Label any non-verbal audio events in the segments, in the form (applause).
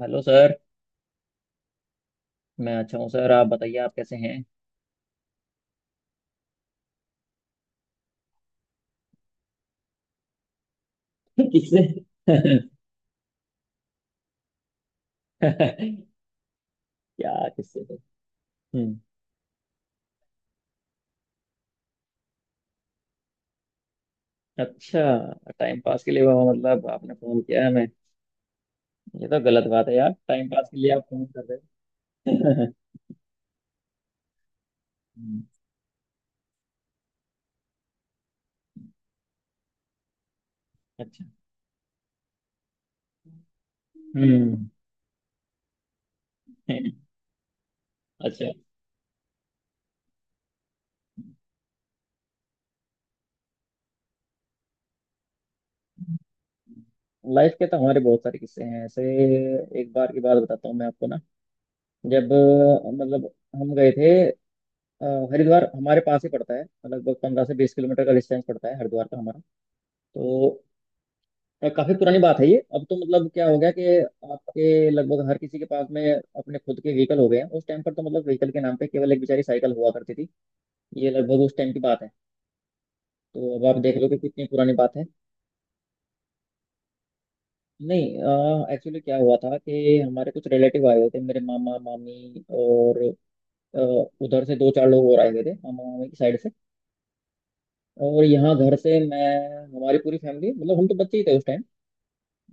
Hello sir. मैं अच्छा हूँ सर, आप बताइए आप कैसे हैं। (laughs) किससे? (laughs) क्या? किससे तो। हम्म। अच्छा। टाइम पास के लिए वो मतलब आपने फोन किया है हमें? ये तो गलत बात है यार, टाइम पास के लिए आप फोन कर रहे हो। (laughs) हम्म। अच्छा। हम्म। (laughs) अच्छा। लाइफ के तो हमारे बहुत सारे किस्से हैं ऐसे। एक बार की बात बताता हूँ मैं आपको ना। जब मतलब हम गए थे अ, हरिद्वार। हमारे पास ही पड़ता है, लगभग 15 से 20 किलोमीटर का डिस्टेंस पड़ता है हरिद्वार का हमारा। तो काफी पुरानी बात है ये। अब तो मतलब क्या हो गया कि आपके लगभग हर किसी के पास में अपने खुद के व्हीकल हो गए हैं। उस टाइम पर तो मतलब व्हीकल के नाम पे केवल एक बेचारी साइकिल हुआ करती थी। ये लगभग उस टाइम की बात है। तो अब आप देख लो कि कितनी पुरानी बात है। नहीं एक्चुअली क्या हुआ था कि हमारे कुछ रिलेटिव आए हुए थे, मेरे मामा मामी, और अ, उधर से दो चार लोग और आए हुए थे मामा मामी की साइड से। और यहाँ घर से मैं, हमारी पूरी फैमिली, मतलब हम तो बच्चे ही थे उस टाइम।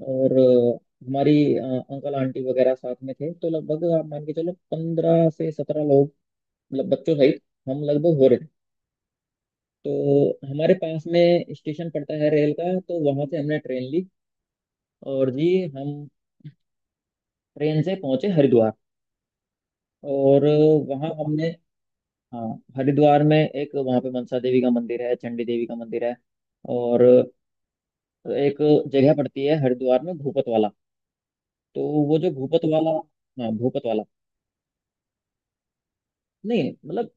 और हमारी अंकल आंटी वगैरह साथ में थे, तो लगभग आप मान के चलो 15 से 17 लोग, मतलब बच्चों सहित हम लगभग हो रहे थे। तो हमारे पास में स्टेशन पड़ता है रेल का, तो वहां से हमने ट्रेन ली। और जी हम ट्रेन से पहुंचे हरिद्वार। और वहां हमने, हाँ, हरिद्वार में एक वहां पे मनसा देवी का मंदिर है, चंडी देवी का मंदिर है। और एक जगह पड़ती है हरिद्वार में, भूपत वाला। तो वो जो भूपत वाला। हाँ भूपत वाला। नहीं मतलब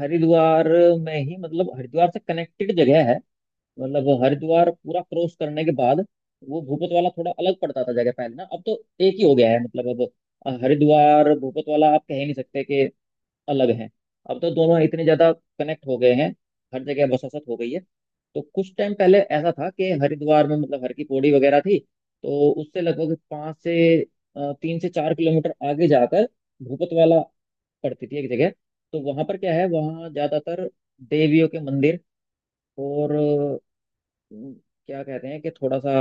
हरिद्वार में ही, मतलब हरिद्वार से कनेक्टेड जगह है। मतलब हरिद्वार पूरा क्रॉस करने के बाद वो भूपत वाला थोड़ा अलग पड़ता था जगह पहले ना, अब तो एक ही हो गया है। मतलब अब हरिद्वार भूपत वाला आप कह ही नहीं सकते कि अलग हैं। अब तो दोनों इतने ज्यादा कनेक्ट हो गए हैं, हर जगह बसासत हो गई है। तो कुछ टाइम पहले ऐसा था कि हरिद्वार में मतलब हर की पौड़ी वगैरह थी। तो उससे लगभग पाँच से 3 से 4 किलोमीटर आगे जाकर भूपत वाला पड़ती थी एक जगह। तो वहां पर क्या है, वहाँ ज्यादातर देवियों के मंदिर, और अम, क्या कहते हैं कि थोड़ा सा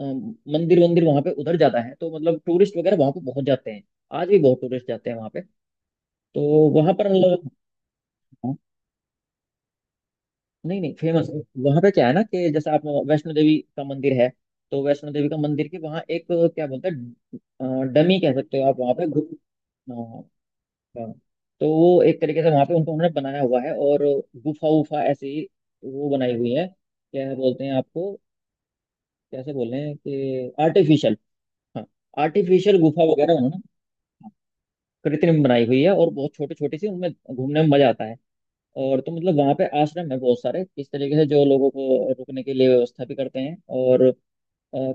मंदिर वंदिर वहां पे उधर ज्यादा है, तो मतलब टूरिस्ट वगैरह वहां पे बहुत जाते हैं। आज भी बहुत टूरिस्ट जाते हैं वहां पे। तो वहां पर मतलब, हाँ, नहीं नहीं फेमस। वहां पे क्या है ना कि जैसे आप, वैष्णो देवी का मंदिर है। तो वैष्णो देवी का मंदिर के वहाँ एक, क्या बोलते हैं, डमी कह सकते हो आप वहाँ पे। हाँ। तो वो एक तरीके से वहां पे उनको उन्होंने बनाया हुआ है। और गुफा वुफा ऐसे ही वो बनाई हुई है। क्या बोलते हैं आपको, कैसे बोल रहे हैं कि, आर्टिफिशियल। हाँ आर्टिफिशियल गुफा वगैरह उन्होंने। हाँ, कृत्रिम बनाई हुई है, और बहुत छोटी छोटी सी उनमें घूमने में मजा आता है। और तो मतलब वहाँ पे आश्रम है बहुत सारे, इस तरीके से जो लोगों को रुकने के लिए व्यवस्था भी करते हैं। और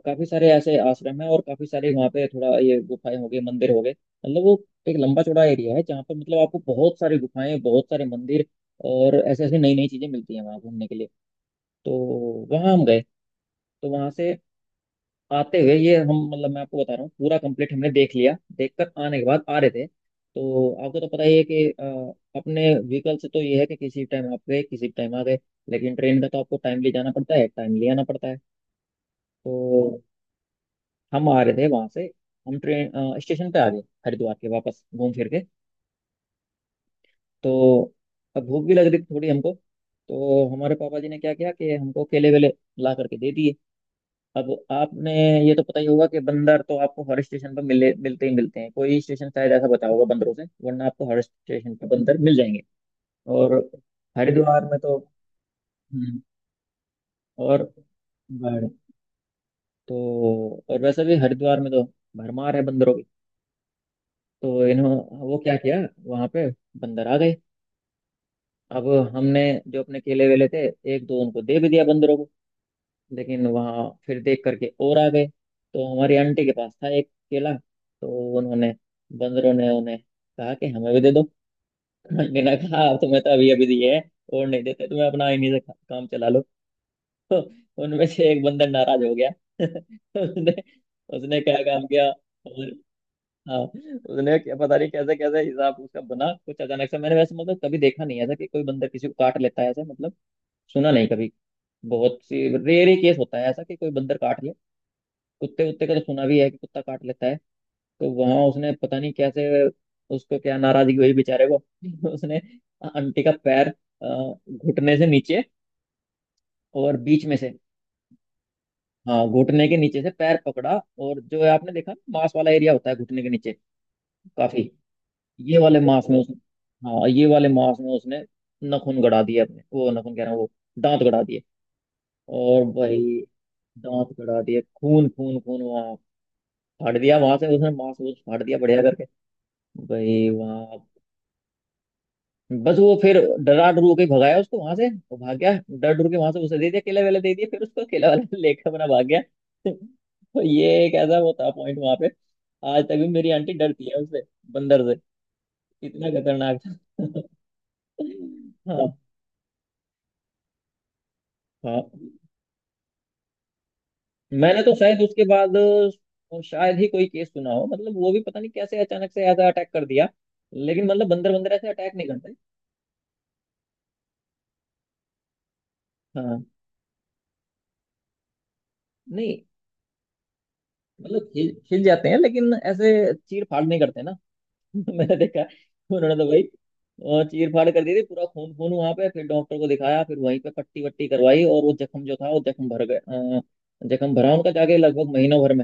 काफी सारे ऐसे आश्रम है, और काफी सारे वहाँ पे थोड़ा ये गुफाएं हो गई, मंदिर हो गए, मतलब वो एक लंबा चौड़ा एरिया है जहाँ पर मतलब आपको बहुत सारी गुफाएं, बहुत सारे मंदिर, और ऐसे ऐसे नई नई चीजें मिलती हैं वहाँ घूमने के लिए। तो वहाँ हम गए। तो वहाँ से आते हुए ये हम, मतलब मैं आपको बता रहा हूँ, पूरा कंप्लीट हमने देख लिया, देखकर आने के बाद आ रहे थे, तो आपको तो पता ही है कि अपने व्हीकल से तो ये है कि किसी टाइम आप गए किसी टाइम आ गए। लेकिन ट्रेन का तो आपको टाइमली जाना पड़ता है, टाइमली आना पड़ता है। तो हम आ रहे थे वहां से। हम ट्रेन स्टेशन पे आ गए हरिद्वार के, वापस घूम फिर के। तो अब भूख भी लग रही थी थोड़ी हमको। तो हमारे पापा जी ने क्या किया कि हमको केले वेले ला करके दे दिए। अब आपने ये तो पता ही होगा कि बंदर तो आपको हर स्टेशन पर मिले, मिलते ही मिलते हैं। कोई स्टेशन शायद ऐसा बता होगा बंदरों से, वरना आपको हर स्टेशन पर बंदर मिल जाएंगे। और हरिद्वार में तो। हम्म। और बाढ़। तो और वैसे भी हरिद्वार में तो भरमार है बंदरों की। तो इन्हों, वो क्या किया, वहां पे बंदर आ गए। अब हमने जो अपने केले वेले थे, एक दो उनको दे भी दिया बंदरों को। लेकिन वहां फिर देख करके और आ गए। तो हमारी आंटी के पास था एक केला। तो उन्होंने, बंदरों ने उन्हें कहा कि हमें भी दे दो। आंटी ने कहा, "अब तुम्हें तो अभी अभी दिए हैं, और नहीं देते तुम्हें, अपना इन्हीं से काम चला लो।" तो उनमें से एक बंदर नाराज हो गया। (laughs) उसने उसने क्या काम किया। और हाँ उसने, क्या पता नहीं कैसे कैसे हिसाब उसका बना कुछ अचानक से। मैंने वैसे मतलब कभी देखा नहीं ऐसा कि कोई बंदर किसी को काट लेता है, ऐसा मतलब सुना नहीं कभी। बहुत सी रेयर ही केस होता है ऐसा कि कोई बंदर काट ले। कुत्ते उत्ते का तो सुना भी है कि कुत्ता काट लेता है। तो वहां उसने पता नहीं कैसे, उसको क्या नाराजगी हुई बेचारे को। (laughs) उसने आंटी का पैर अ, घुटने से नीचे, और बीच में से। हाँ घुटने के नीचे से पैर पकड़ा। और जो है, आपने देखा ना, मांस वाला एरिया होता है घुटने के नीचे काफी। ये वाले मांस में उसने। हाँ ये वाले मांस में उसने नाखून गड़ा दिए अपने, वो नाखून कह रहा हूँ, वो दांत गड़ा दिए। और भाई दांत कड़ा दिए, खून खून खून वहाँ। फाड़ दिया वहां से उसने, मांस वूस फाड़ दिया बढ़िया करके। भाई वहाँ बस वो फिर डरा डरू के भगाया उसको वहां से, वो भाग गया डर डर के वहां से। उसे दे दिया केला वेला, दे दिया फिर उसको केला वाला (laughs) लेकर अपना भाग गया। (laughs) तो ये एक ऐसा वो था पॉइंट वहां पे। आज तक भी मेरी आंटी डरती है उससे, बंदर से। इतना खतरनाक था। (laughs) हाँ हाँ। मैंने तो शायद उसके बाद शायद ही कोई केस सुना हो। मतलब वो भी पता नहीं कैसे अचानक से ऐसा अटैक कर दिया। लेकिन मतलब बंदर बंदर ऐसे अटैक नहीं करते। हाँ नहीं। मतलब हिल हिल जाते हैं लेकिन ऐसे चीर फाड़ नहीं करते ना। (laughs) मैंने देखा, उन्होंने तो भाई चीर फाड़ कर दी थी। पूरा खून खून वहां पे। फिर डॉक्टर को दिखाया, फिर वहीं पे पट्टी वट्टी करवाई। और वो जख्म जो था, वो जख्म भर गए जख्म भरा उनका जाके लगभग महीनों भर,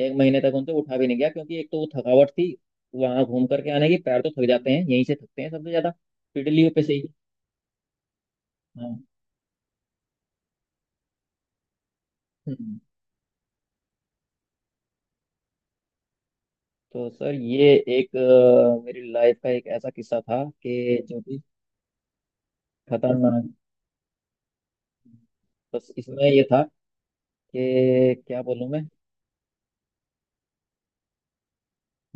एक महीने तक उनको उठा भी नहीं गया। क्योंकि एक तो वो थकावट थी। वहां घूम करके आने की, पैर तो थक जाते हैं यहीं से, थकते हैं सबसे ज्यादा पिटलियों पे से ही। हाँ। हम्म। तो सर ये एक मेरी लाइफ का एक ऐसा किस्सा था कि जो कि खतरनाक। बस इसमें ये था कि क्या बोलूं मैं।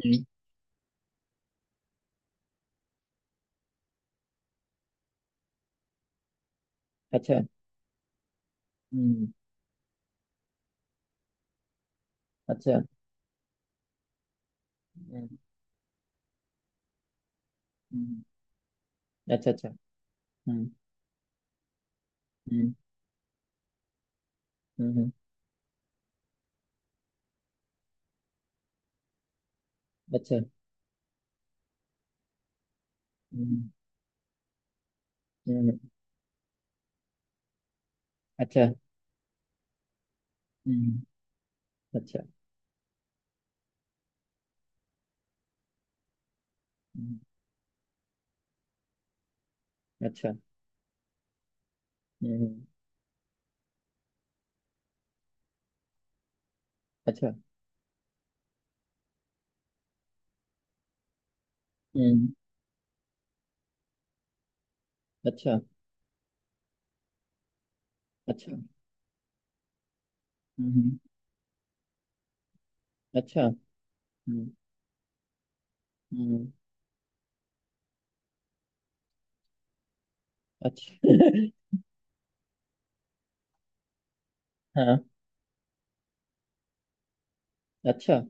हम्म। अच्छा। हम्म। अच्छा। हम्म। हम्म। अच्छा। अच्छा। हम्म। हम्म। हम्म। हम्म। अच्छा। हम्म। हम्म। अच्छा। हम्म। अच्छा। हम्म। अच्छा। हम्म। अच्छा। हम्म। अच्छा। अच्छा। हम्म। अच्छा। हम्म। हम्म। अच्छा। (laughs) हाँ। अच्छा।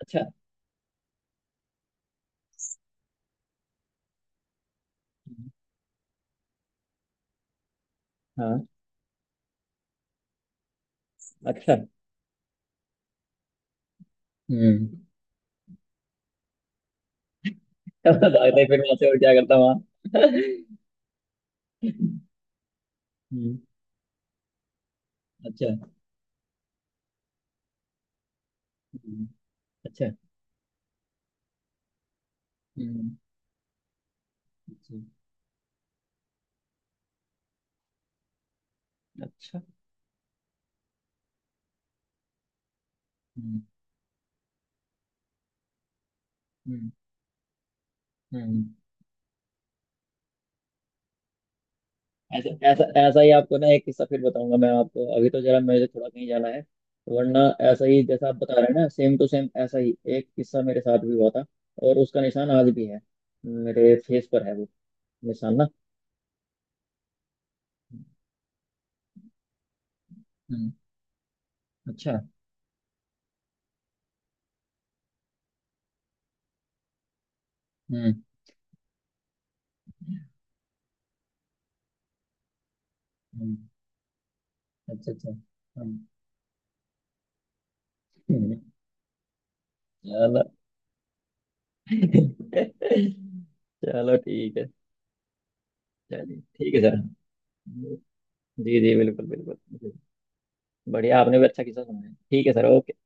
अच्छा। हम्म। हाँ। अच्छा। हम्म। तब तो भागते फिर वहां से, और क्या करता वहाँ। हम्म। अच्छा। हम्म। अच्छा। हम्म। अच्छा। अच्छा। हम्म। हम्म। हम्म। ऐसा ऐसा ऐसा ही आपको ना एक किस्सा फिर बताऊंगा मैं आपको। अभी तो जरा मेरे थोड़ा कहीं जाना है, वरना ऐसा ही जैसा आप बता रहे हैं ना, सेम टू सेम ऐसा ही एक किस्सा मेरे साथ भी हुआ था। और उसका निशान आज भी है, मेरे फेस पर है वो निशान ना। हम्म। अच्छा। हम्म। हम्म। अच्छा। अच्छा। हम्म। हम्म। चलो। (laughs) चलो ठीक है। चलिए ठीक है सर। जी जी बिल्कुल बिल्कुल जी। बढ़िया आपने भी अच्छा किस्सा सुनाया। ठीक है सर। ओके।